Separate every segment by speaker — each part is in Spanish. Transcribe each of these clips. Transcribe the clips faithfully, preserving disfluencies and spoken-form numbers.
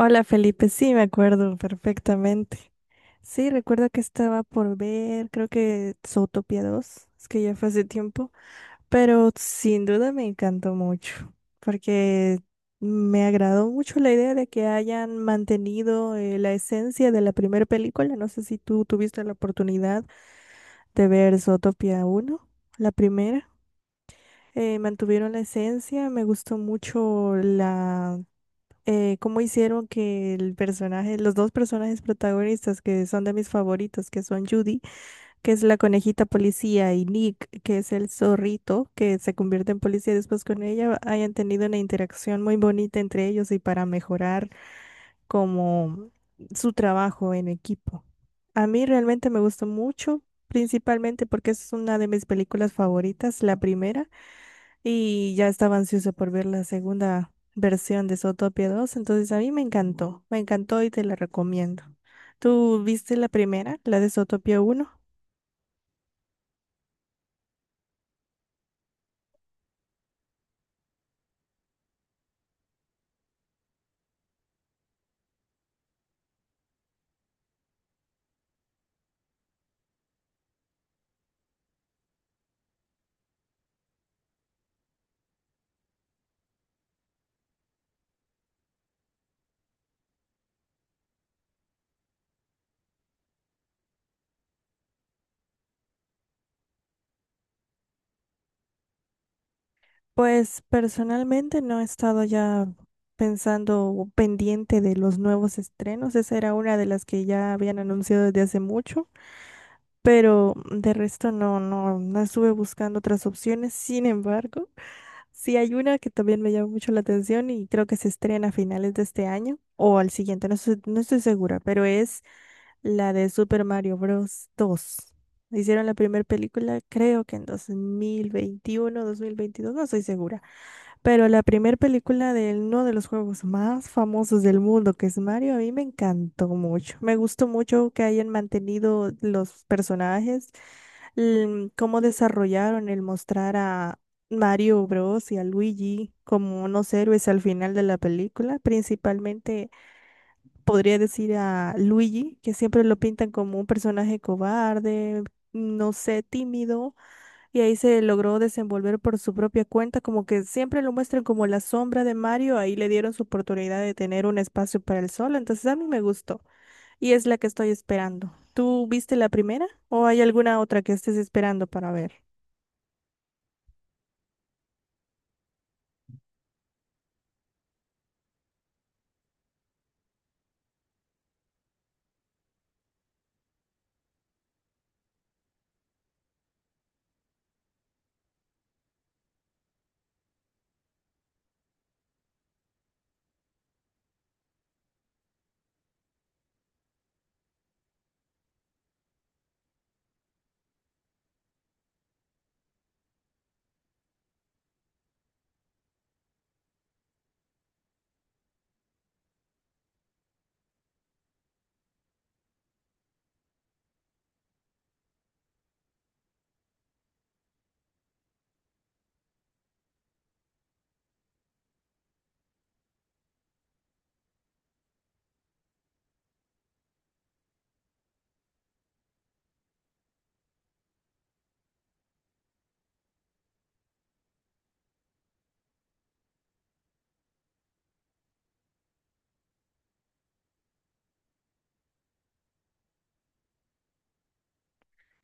Speaker 1: Hola Felipe, sí, me acuerdo perfectamente. Sí, recuerdo que estaba por ver, creo que Zootopia dos, es que ya fue hace tiempo, pero sin duda me encantó mucho, porque me agradó mucho la idea de que hayan mantenido eh, la esencia de la primera película. No sé si tú tuviste la oportunidad de ver Zootopia uno, la primera. Eh, mantuvieron la esencia, me gustó mucho eh, cómo hicieron que el personaje, los dos personajes protagonistas que son de mis favoritos, que son Judy, que es la conejita policía, y Nick, que es el zorrito, que se convierte en policía después con ella, hayan tenido una interacción muy bonita entre ellos y para mejorar como su trabajo en equipo. A mí realmente me gustó mucho, principalmente porque es una de mis películas favoritas, la primera, y ya estaba ansiosa por ver la segunda versión de Zootopia dos. Entonces a mí me encantó, me encantó y te la recomiendo. ¿Tú viste la primera, la de Zootopia uno? Pues personalmente no he estado ya pensando o pendiente de los nuevos estrenos, esa era una de las que ya habían anunciado desde hace mucho, pero de resto no, no, no estuve buscando otras opciones. Sin embargo, sí, hay una que también me llama mucho la atención y creo que se estrena a finales de este año o al siguiente, no estoy, no estoy segura, pero es la de Super Mario Bros. Dos. Hicieron la primera película, creo que en dos dos mil veintiuno, dos mil veintidós, no estoy segura. Pero la primera película de uno de los juegos más famosos del mundo, que es Mario, a mí me encantó mucho. Me gustó mucho que hayan mantenido los personajes, l- cómo desarrollaron el mostrar a Mario Bros. Y a Luigi como unos héroes al final de la película. Principalmente podría decir a Luigi, que siempre lo pintan como un personaje cobarde, no sé, tímido, y ahí se logró desenvolver por su propia cuenta, como que siempre lo muestran como la sombra de Mario, ahí le dieron su oportunidad de tener un espacio para el solo, entonces a mí me gustó y es la que estoy esperando. ¿Tú viste la primera o hay alguna otra que estés esperando para ver?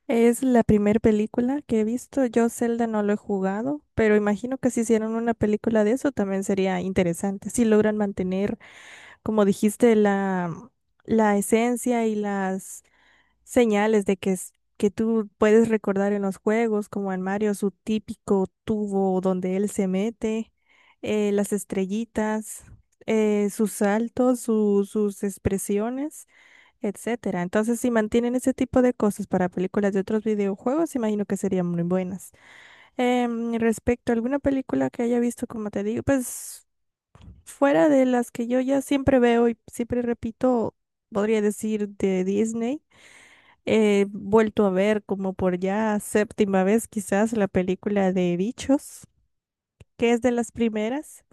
Speaker 1: Es la primera película que he visto. Yo Zelda no lo he jugado, pero imagino que si hicieran una película de eso también sería interesante, si logran mantener, como dijiste, la, la esencia y las señales de que, es- que tú puedes recordar en los juegos, como en Mario, su típico tubo donde él se mete, eh, las estrellitas, eh, sus saltos, su- sus expresiones, etcétera. Entonces, si mantienen ese tipo de cosas para películas de otros videojuegos, imagino que serían muy buenas. Em, respecto a alguna película que haya visto, como te digo, pues fuera de las que yo ya siempre veo y siempre repito, podría decir de Disney. He vuelto a ver como por ya séptima vez quizás la película de Bichos, que es de las primeras.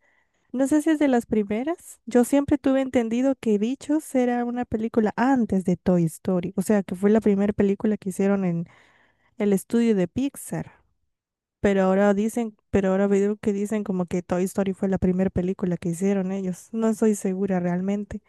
Speaker 1: No sé si es de las primeras. Yo siempre tuve entendido que Bichos era una película antes de Toy Story, o sea, que fue la primera película que hicieron en el estudio de Pixar. Pero ahora dicen, pero ahora veo que dicen como que Toy Story fue la primera película que hicieron ellos. No estoy segura realmente.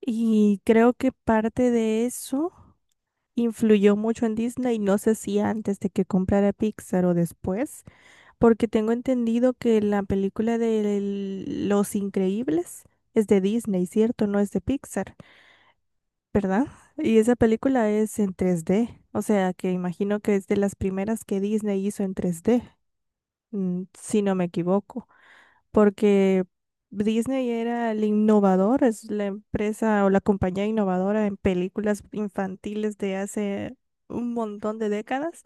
Speaker 1: Y creo que parte de eso influyó mucho en Disney, no sé si antes de que comprara Pixar o después, porque tengo entendido que la película de Los Increíbles es de Disney, ¿cierto? No es de Pixar, ¿verdad? Y esa película es en tres D, o sea que imagino que es de las primeras que Disney hizo en tres D, mm, si no me equivoco, porque Disney era el innovador, es la empresa o la compañía innovadora en películas infantiles de hace un montón de décadas,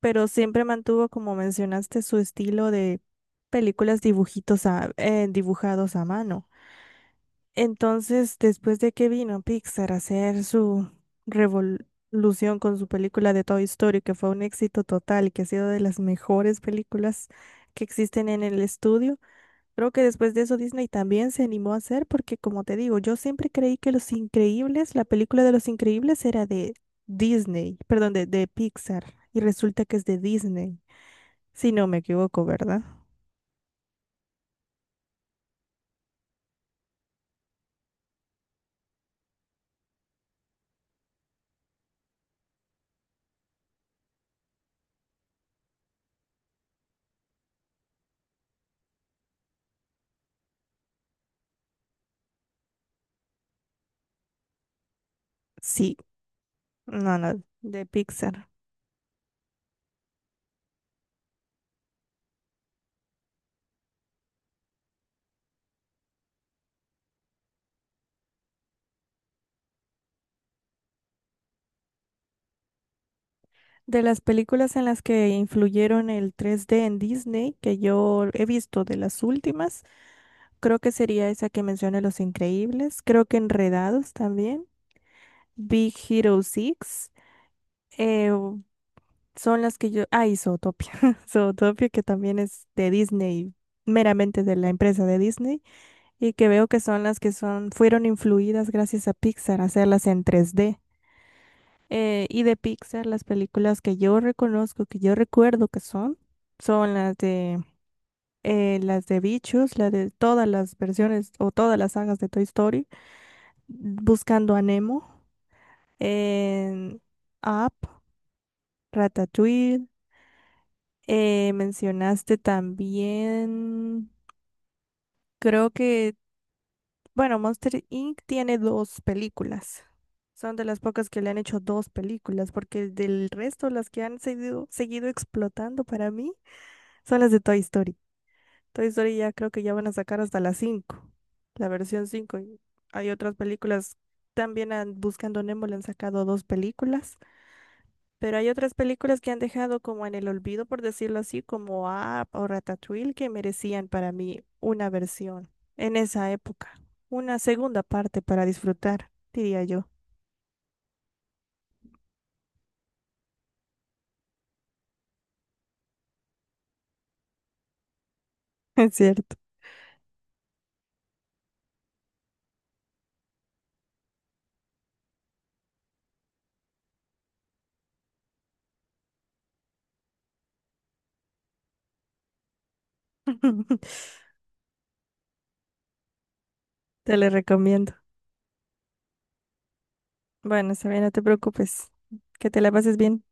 Speaker 1: pero siempre mantuvo, como mencionaste, su estilo de películas dibujitos a- eh, dibujados a mano. Entonces, después de que vino Pixar a hacer su revolución con su película de Toy Story, que fue un éxito total y que ha sido de las mejores películas que existen en el estudio, creo que después de eso Disney también se animó a hacer, porque como te digo, yo siempre creí que Los Increíbles, la película de Los Increíbles era de Disney, perdón, de, de Pixar, y resulta que es de Disney, si no me equivoco, ¿verdad? Sí, no, no, de Pixar. De las películas en las que influyeron el tres D en Disney, que yo he visto de las últimas, creo que sería esa que mencioné, Los Increíbles, creo que Enredados también, Big Hero seis. Son las que yo. Ah, y Zootopia. Zootopia, que también es de Disney, meramente de la empresa de Disney, y que veo que son las que son, fueron influidas gracias a Pixar, hacerlas en tres D. Eh, y de Pixar, las películas que yo reconozco, que yo recuerdo que son, son las de eh, las de Bichos, la de todas las versiones o todas las sagas de Toy Story, Buscando a Nemo, en Up, Ratatouille. Eh, mencionaste también, creo que, bueno, Monster inc tiene dos películas. Son de las pocas que le han hecho dos películas, porque del resto las que han seguido, seguido explotando para mí son las de Toy Story. Toy Story ya creo que ya van a sacar hasta las cinco, la versión cinco, y hay otras películas, también han- Buscando Nemo le han sacado dos películas. Pero hay otras películas que han dejado como en el olvido, por decirlo así, como Up o Ratatouille, que merecían para mí una versión en esa época, una segunda parte para disfrutar, diría yo. Es cierto. Te la recomiendo. Bueno, Sabina, no te preocupes. Que te la pases bien.